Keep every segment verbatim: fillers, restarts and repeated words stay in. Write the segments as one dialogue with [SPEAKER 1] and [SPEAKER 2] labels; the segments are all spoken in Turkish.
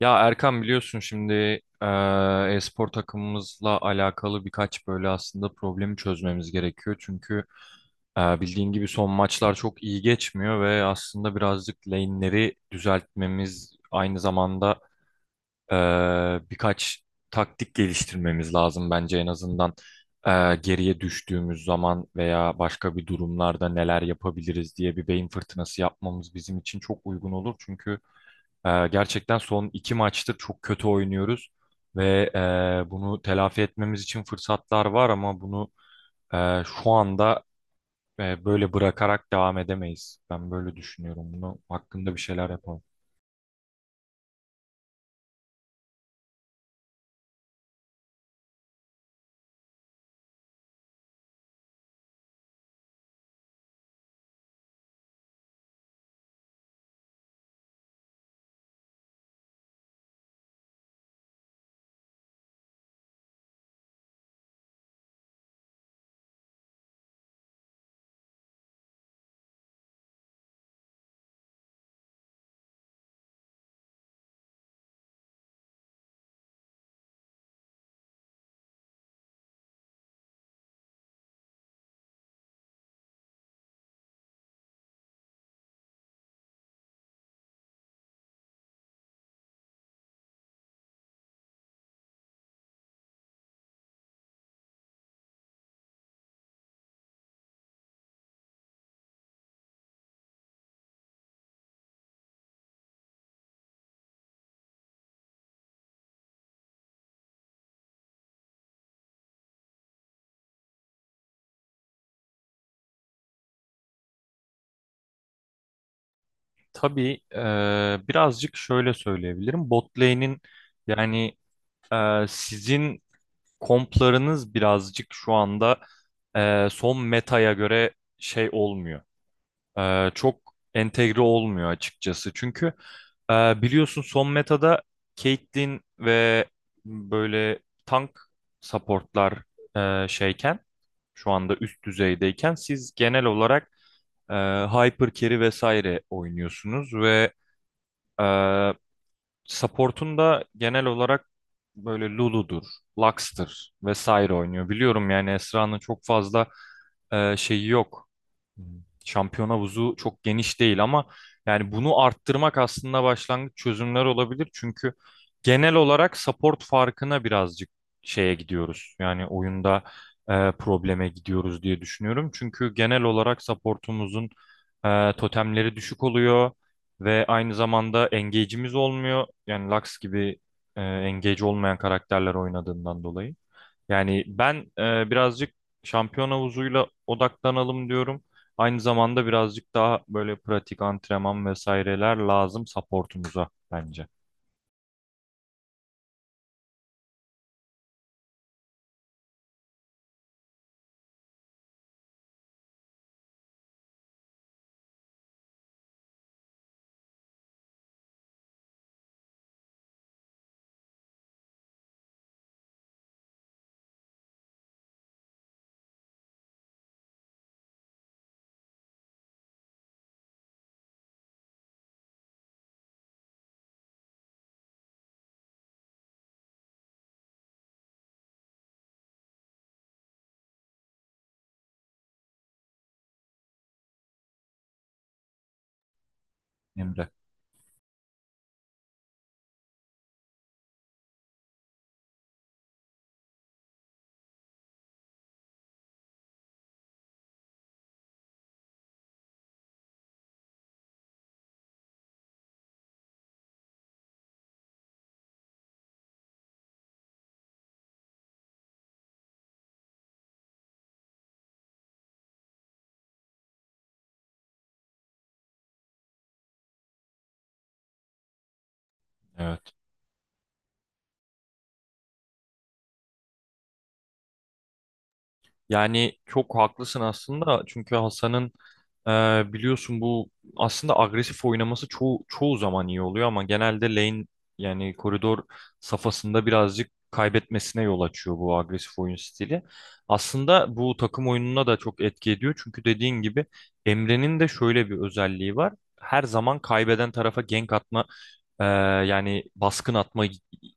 [SPEAKER 1] Ya Erkan biliyorsun şimdi eee, e-spor takımımızla alakalı birkaç böyle aslında problemi çözmemiz gerekiyor. Çünkü eee, bildiğin gibi son maçlar çok iyi geçmiyor ve aslında birazcık lane'leri düzeltmemiz aynı zamanda eee, birkaç taktik geliştirmemiz lazım bence en azından eee, geriye düştüğümüz zaman veya başka bir durumlarda neler yapabiliriz diye bir beyin fırtınası yapmamız bizim için çok uygun olur. Çünkü ee, gerçekten son iki maçtır çok kötü oynuyoruz ve e, bunu telafi etmemiz için fırsatlar var ama bunu e, şu anda e, böyle bırakarak devam edemeyiz. Ben böyle düşünüyorum. Bunu hakkında bir şeyler yapalım. Tabii e, birazcık şöyle söyleyebilirim. Bot lane'in yani e, sizin komplarınız birazcık şu anda e, son metaya göre şey olmuyor. E, çok entegre olmuyor açıkçası. Çünkü e, biliyorsun son metada Caitlyn ve böyle tank supportlar e, şeyken şu anda üst düzeydeyken siz genel olarak e, hyper carry vesaire oynuyorsunuz ve e, Support'un da genel olarak böyle Lulu'dur, Lux'tır vesaire oynuyor. Biliyorum yani Esra'nın çok fazla e, şeyi yok. Şampiyon havuzu çok geniş değil ama yani bunu arttırmak aslında başlangıç çözümler olabilir. Çünkü genel olarak support farkına birazcık şeye gidiyoruz. Yani oyunda e, probleme gidiyoruz diye düşünüyorum. Çünkü genel olarak supportumuzun e, totemleri düşük oluyor. Ve aynı zamanda engage'imiz olmuyor. Yani Lux gibi e, engage olmayan karakterler oynadığından dolayı. Yani ben e, birazcık şampiyon havuzuyla odaklanalım diyorum. Aynı zamanda birazcık daha böyle pratik antrenman vesaireler lazım supportumuza bence. Emre. Evet. Yani çok haklısın aslında çünkü Hasan'ın e, biliyorsun bu aslında agresif oynaması çoğu, çoğu zaman iyi oluyor ama genelde lane yani koridor safhasında birazcık kaybetmesine yol açıyor bu agresif oyun stili. Aslında bu takım oyununa da çok etki ediyor çünkü dediğin gibi Emre'nin de şöyle bir özelliği var. Her zaman kaybeden tarafa gank atma ee, yani baskın atma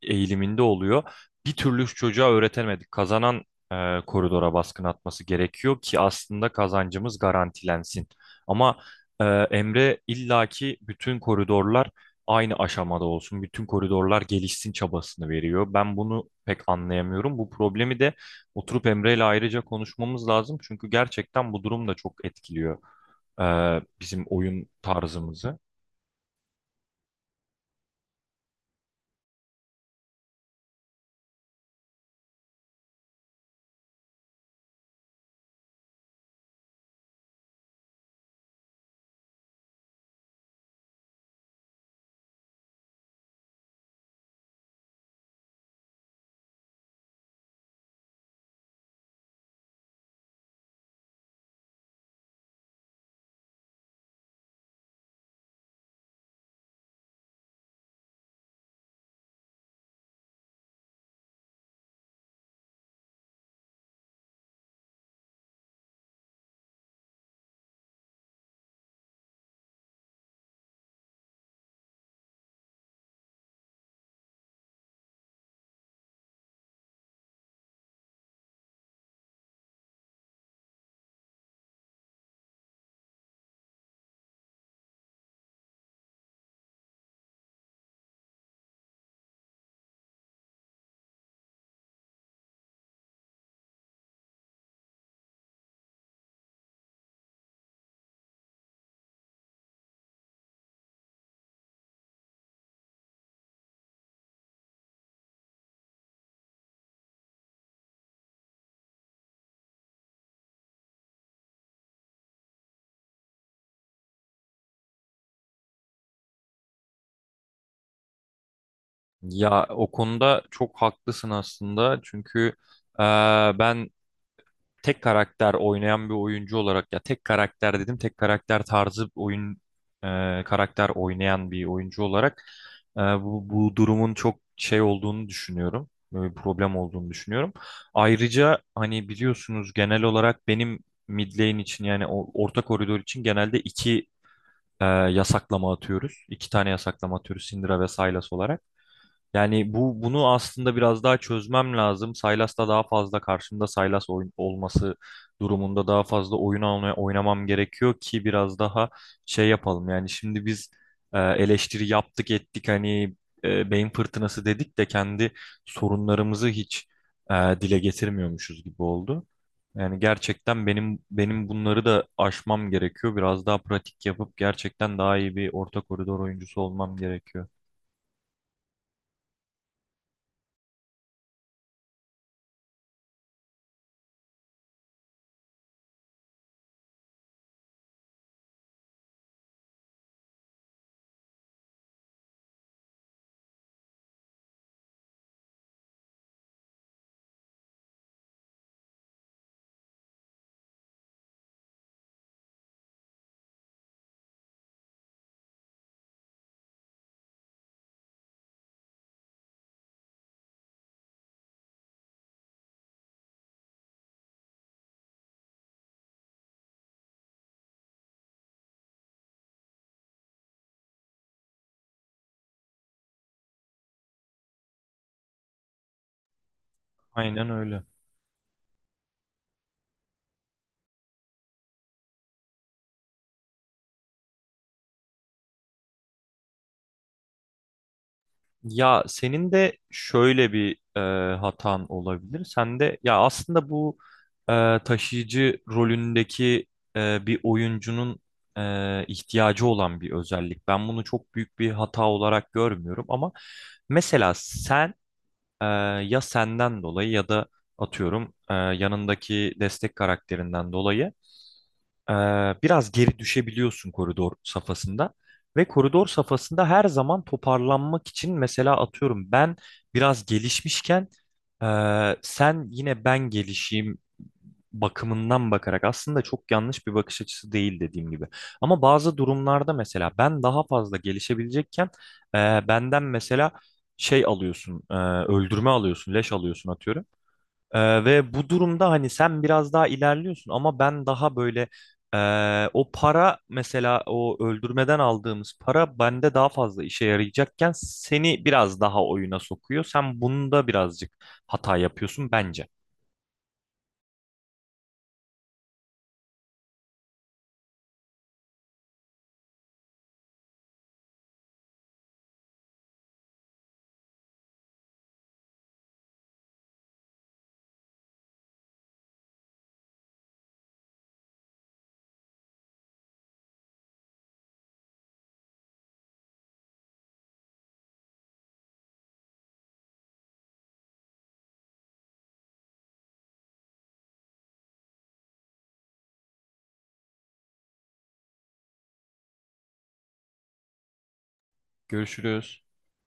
[SPEAKER 1] eğiliminde oluyor. Bir türlü çocuğa öğretemedik. Kazanan e, koridora baskın atması gerekiyor ki aslında kazancımız garantilensin. Ama e, Emre illaki bütün koridorlar aynı aşamada olsun, bütün koridorlar gelişsin çabasını veriyor. Ben bunu pek anlayamıyorum. Bu problemi de oturup Emre ile ayrıca konuşmamız lazım. Çünkü gerçekten bu durum da çok etkiliyor e, bizim oyun tarzımızı. Ya o konuda çok haklısın aslında çünkü eee, ben tek karakter oynayan bir oyuncu olarak ya tek karakter dedim tek karakter tarzı oyun eee, karakter oynayan bir oyuncu olarak eee, bu, bu durumun çok şey olduğunu düşünüyorum. Böyle bir problem olduğunu düşünüyorum. Ayrıca hani biliyorsunuz genel olarak benim mid lane için yani o orta koridor için genelde iki eee, yasaklama atıyoruz. İki tane yasaklama atıyoruz Syndra ve Sylas olarak. Yani bu bunu aslında biraz daha çözmem lazım. Saylas'ta daha fazla karşımda Saylas oyun olması durumunda daha fazla oyun almaya oynamam gerekiyor ki biraz daha şey yapalım. Yani şimdi biz e, eleştiri yaptık ettik hani e, beyin fırtınası dedik de kendi sorunlarımızı hiç e, dile getirmiyormuşuz gibi oldu. Yani gerçekten benim benim bunları da aşmam gerekiyor. Biraz daha pratik yapıp gerçekten daha iyi bir orta koridor oyuncusu olmam gerekiyor. Aynen öyle. Ya senin de şöyle bir e, hatan olabilir. Sen de ya aslında bu e, taşıyıcı rolündeki e, bir oyuncunun e, ihtiyacı olan bir özellik. Ben bunu çok büyük bir hata olarak görmüyorum ama mesela sen e, ya senden dolayı ya da atıyorum e, yanındaki destek karakterinden dolayı ee, biraz geri düşebiliyorsun koridor safhasında ve koridor safhasında her zaman toparlanmak için mesela atıyorum ben biraz gelişmişken ee, sen yine ben gelişeyim bakımından bakarak aslında çok yanlış bir bakış açısı değil dediğim gibi. Ama bazı durumlarda mesela ben daha fazla gelişebilecekken ee, benden mesela şey alıyorsun, ee, öldürme alıyorsun, leş alıyorsun atıyorum. Ee, ve bu durumda hani sen biraz daha ilerliyorsun ama ben daha böyle ee, o para mesela o öldürmeden aldığımız para bende daha fazla işe yarayacakken seni biraz daha oyuna sokuyor. Sen bunda birazcık hata yapıyorsun bence. Görüşürüz.